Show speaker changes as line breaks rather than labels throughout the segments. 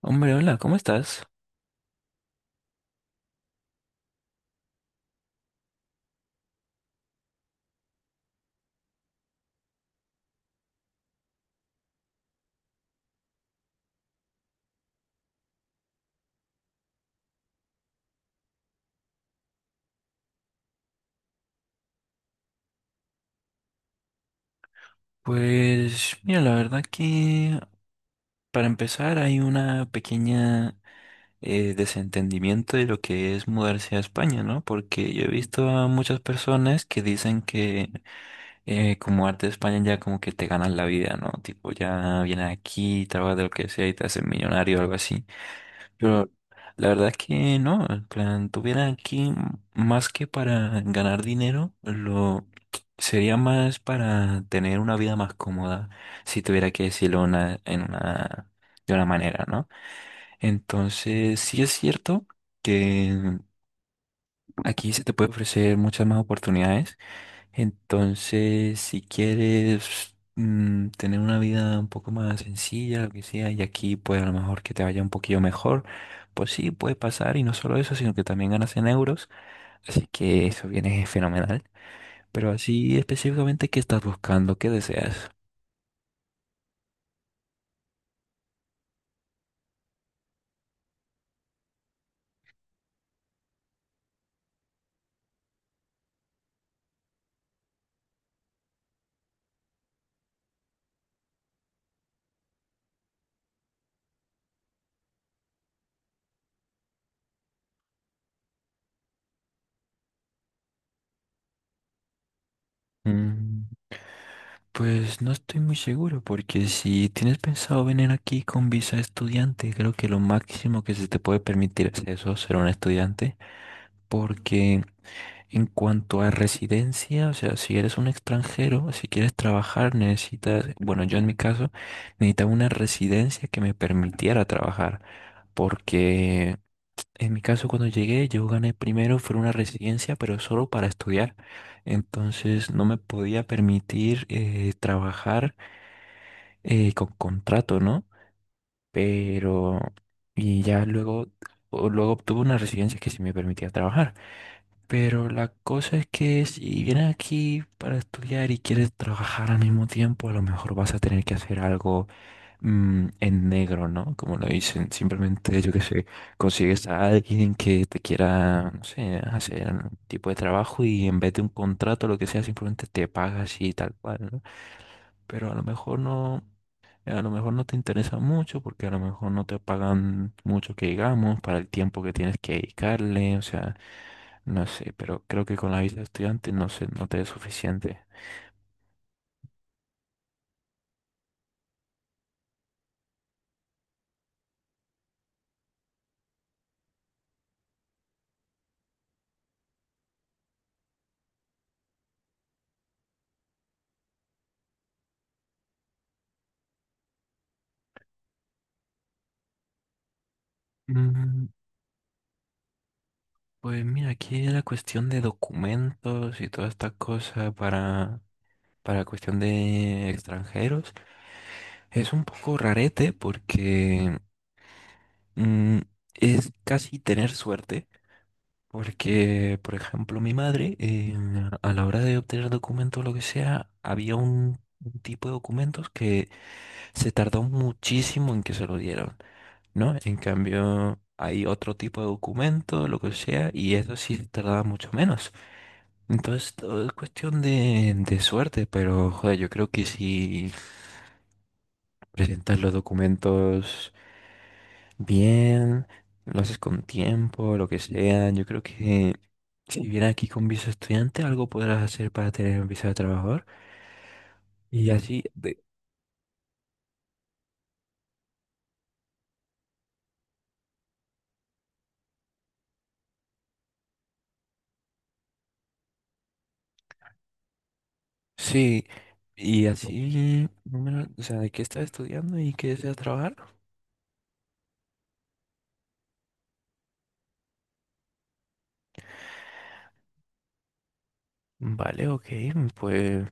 Hombre, hola, ¿cómo estás? Pues mira, la verdad que para empezar hay una pequeña desentendimiento de lo que es mudarse a España, ¿no? Porque yo he visto a muchas personas que dicen que como arte de España ya como que te ganas la vida, ¿no? Tipo, ya vienes aquí, trabajas de lo que sea y te haces millonario o algo así. Pero la verdad es que no, en plan, tuviera aquí más que para ganar dinero, lo sería más para tener una vida más cómoda, si tuviera que decirlo una, en una, de una manera, ¿no? Entonces, sí es cierto que aquí se te puede ofrecer muchas más oportunidades. Entonces, si quieres tener una vida un poco más sencilla, lo que sea, y aquí pues a lo mejor que te vaya un poquillo mejor, pues sí, puede pasar, y no solo eso, sino que también ganas en euros, así que eso viene fenomenal. Pero así específicamente, ¿qué estás buscando? ¿Qué deseas? Mm, Pues no estoy muy seguro, porque si tienes pensado venir aquí con visa estudiante, creo que lo máximo que se te puede permitir es eso, ser un estudiante, porque en cuanto a residencia, o sea, si eres un extranjero, si quieres trabajar, necesitas, bueno, yo en mi caso, necesitaba una residencia que me permitiera trabajar, porque en mi caso cuando llegué, yo gané primero, fue una residencia, pero solo para estudiar, entonces no me podía permitir trabajar con contrato, ¿no? Pero, y ya luego, luego obtuve una residencia que sí me permitía trabajar. Pero la cosa es que si vienes aquí para estudiar y quieres trabajar al mismo tiempo, a lo mejor vas a tener que hacer algo en negro, ¿no? Como lo dicen, simplemente, yo qué sé, consigues a alguien que te quiera, no sé, hacer un tipo de trabajo y en vez de un contrato, lo que sea, simplemente te pagas y tal cual, ¿no? Pero a lo mejor no, a lo mejor no te interesa mucho porque a lo mejor no te pagan mucho que digamos para el tiempo que tienes que dedicarle, o sea. No sé, pero creo que con la visa de estudiante no sé, no te es suficiente. Mm, Pues mira, aquí la cuestión de documentos y toda esta cosa para cuestión de extranjeros es un poco rarete porque mm, es casi tener suerte. Porque, por ejemplo, mi madre, a la hora de obtener documentos o lo que sea, había un tipo de documentos que se tardó muchísimo en que se lo dieron. ¿No? En cambio, hay otro tipo de documento, lo que sea, y eso sí tardaba mucho menos. Entonces, todo es cuestión de suerte, pero joder, yo creo que si presentas los documentos bien, lo haces con tiempo, lo que sea, yo creo que si vienes aquí con visa estudiante, algo podrás hacer para tener visa de trabajador. Y así, de, sí, y así, no, o sea, de qué estás estudiando y qué deseas trabajar. Vale, ok, pues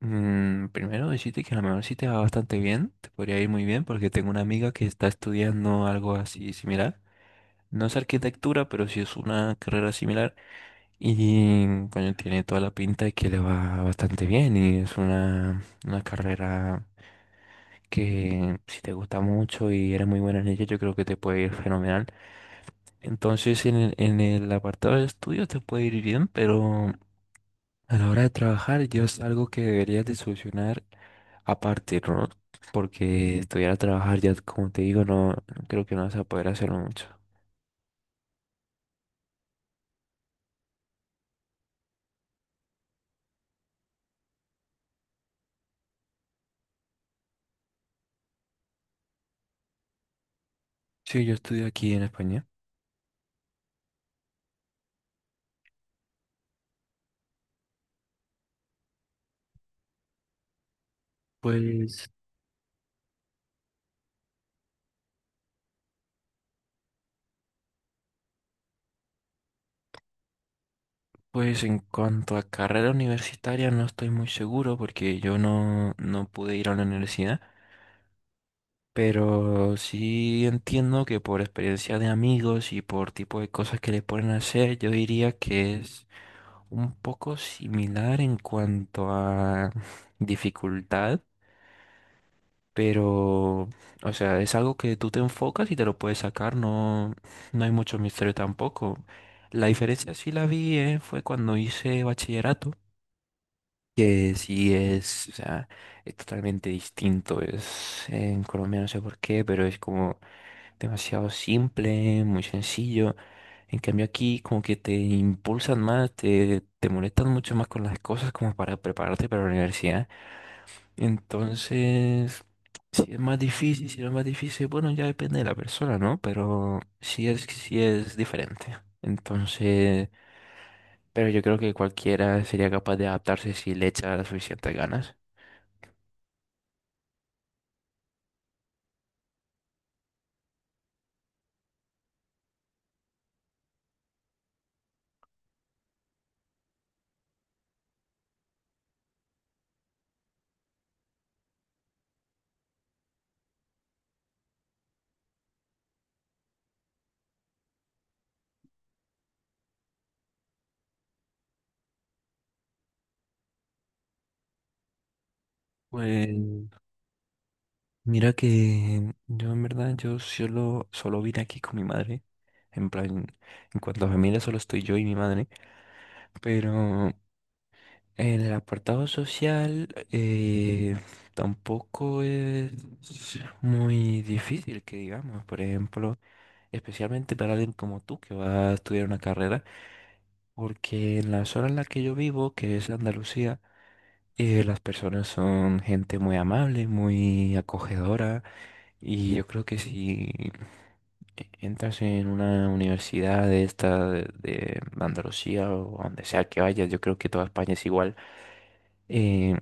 primero decirte que a lo mejor sí te va bastante bien, te podría ir muy bien porque tengo una amiga que está estudiando algo así similar, no es arquitectura, pero sí es una carrera similar y coño, tiene toda la pinta de que le va bastante bien y es una carrera que si te gusta mucho y eres muy buena en ella, yo creo que te puede ir fenomenal. Entonces en el apartado de estudios te puede ir bien, pero a la hora de trabajar, yo es algo que deberías de solucionar aparte, ¿no? Porque estudiar a trabajar, ya como te digo, no creo que no vas a poder hacerlo mucho. Sí, yo estudio aquí en España. Pues, pues en cuanto a carrera universitaria, no estoy muy seguro porque yo no, no pude ir a la universidad. Pero sí entiendo que por experiencia de amigos y por tipo de cosas que le pueden hacer, yo diría que es un poco similar en cuanto a dificultad, pero, o sea, es algo que tú te enfocas y te lo puedes sacar, no, no hay mucho misterio tampoco. La diferencia sí la vi, fue cuando hice bachillerato, que sí es, o sea, es totalmente distinto. Es, en Colombia no sé por qué, pero es como demasiado simple, muy sencillo. En cambio aquí como que te impulsan más, te molestan mucho más con las cosas como para prepararte para la universidad. Entonces, si es más difícil, si no es más difícil, bueno, ya depende de la persona, ¿no? Pero sí es diferente. Entonces, pero yo creo que cualquiera sería capaz de adaptarse si le echa las suficientes ganas. Pues mira que yo en verdad yo solo, solo vine aquí con mi madre. En plan, en cuanto a familia solo estoy yo y mi madre. Pero en el apartado social tampoco es muy difícil que digamos. Por ejemplo, especialmente para alguien como tú que va a estudiar una carrera. Porque en la zona en la que yo vivo, que es Andalucía, las personas son gente muy amable, muy acogedora. Y yo creo que si entras en una universidad de esta de Andalucía o a donde sea que vayas, yo creo que toda España es igual. Eh,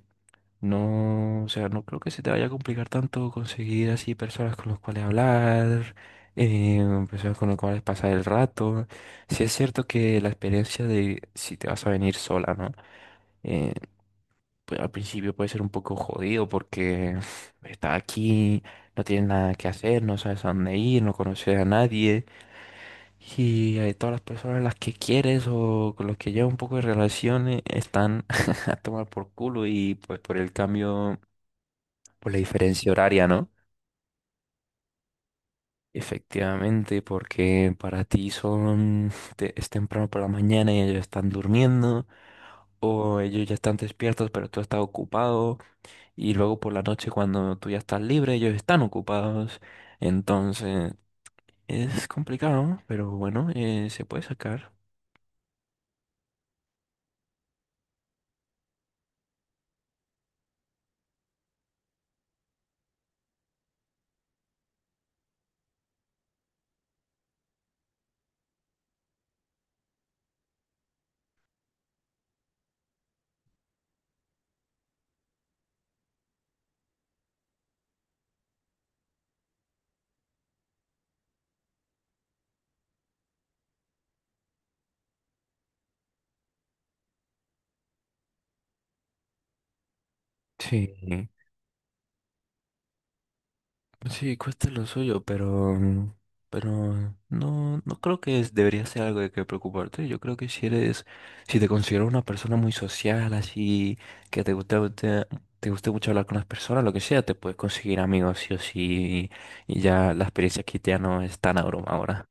no, o sea, no creo que se te vaya a complicar tanto conseguir así personas con las cuales hablar, eh, personas con las cuales pasar el rato. Sí es cierto que la experiencia de si te vas a venir sola, ¿no? Eh, pues, al principio puede ser un poco jodido porque estás aquí, no tienes nada que hacer, no sabes a dónde ir, no conoces a nadie y todas las personas a las que quieres o con las que llevas un poco de relaciones están a tomar por culo y pues por el cambio, por la diferencia horaria, ¿no? Efectivamente, porque para ti son, es temprano por la mañana y ellos están durmiendo o ellos ya están despiertos pero tú estás ocupado. Y luego por la noche cuando tú ya estás libre, ellos están ocupados. Entonces es complicado, ¿no? Pero bueno, se puede sacar. Sí, sí, cuesta lo suyo, pero, pero no, no creo que debería ser algo de que preocuparte. Yo creo que si eres, si te considero una persona muy social, así, que te gusta, te guste mucho hablar con las personas, lo que sea, te puedes conseguir amigos sí o sí, y ya la experiencia aquí ya no es tan abrumadora.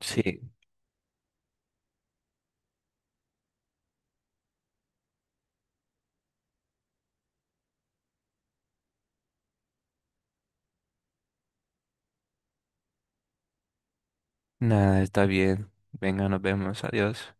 Sí, nada, está bien. Venga, nos vemos. Adiós.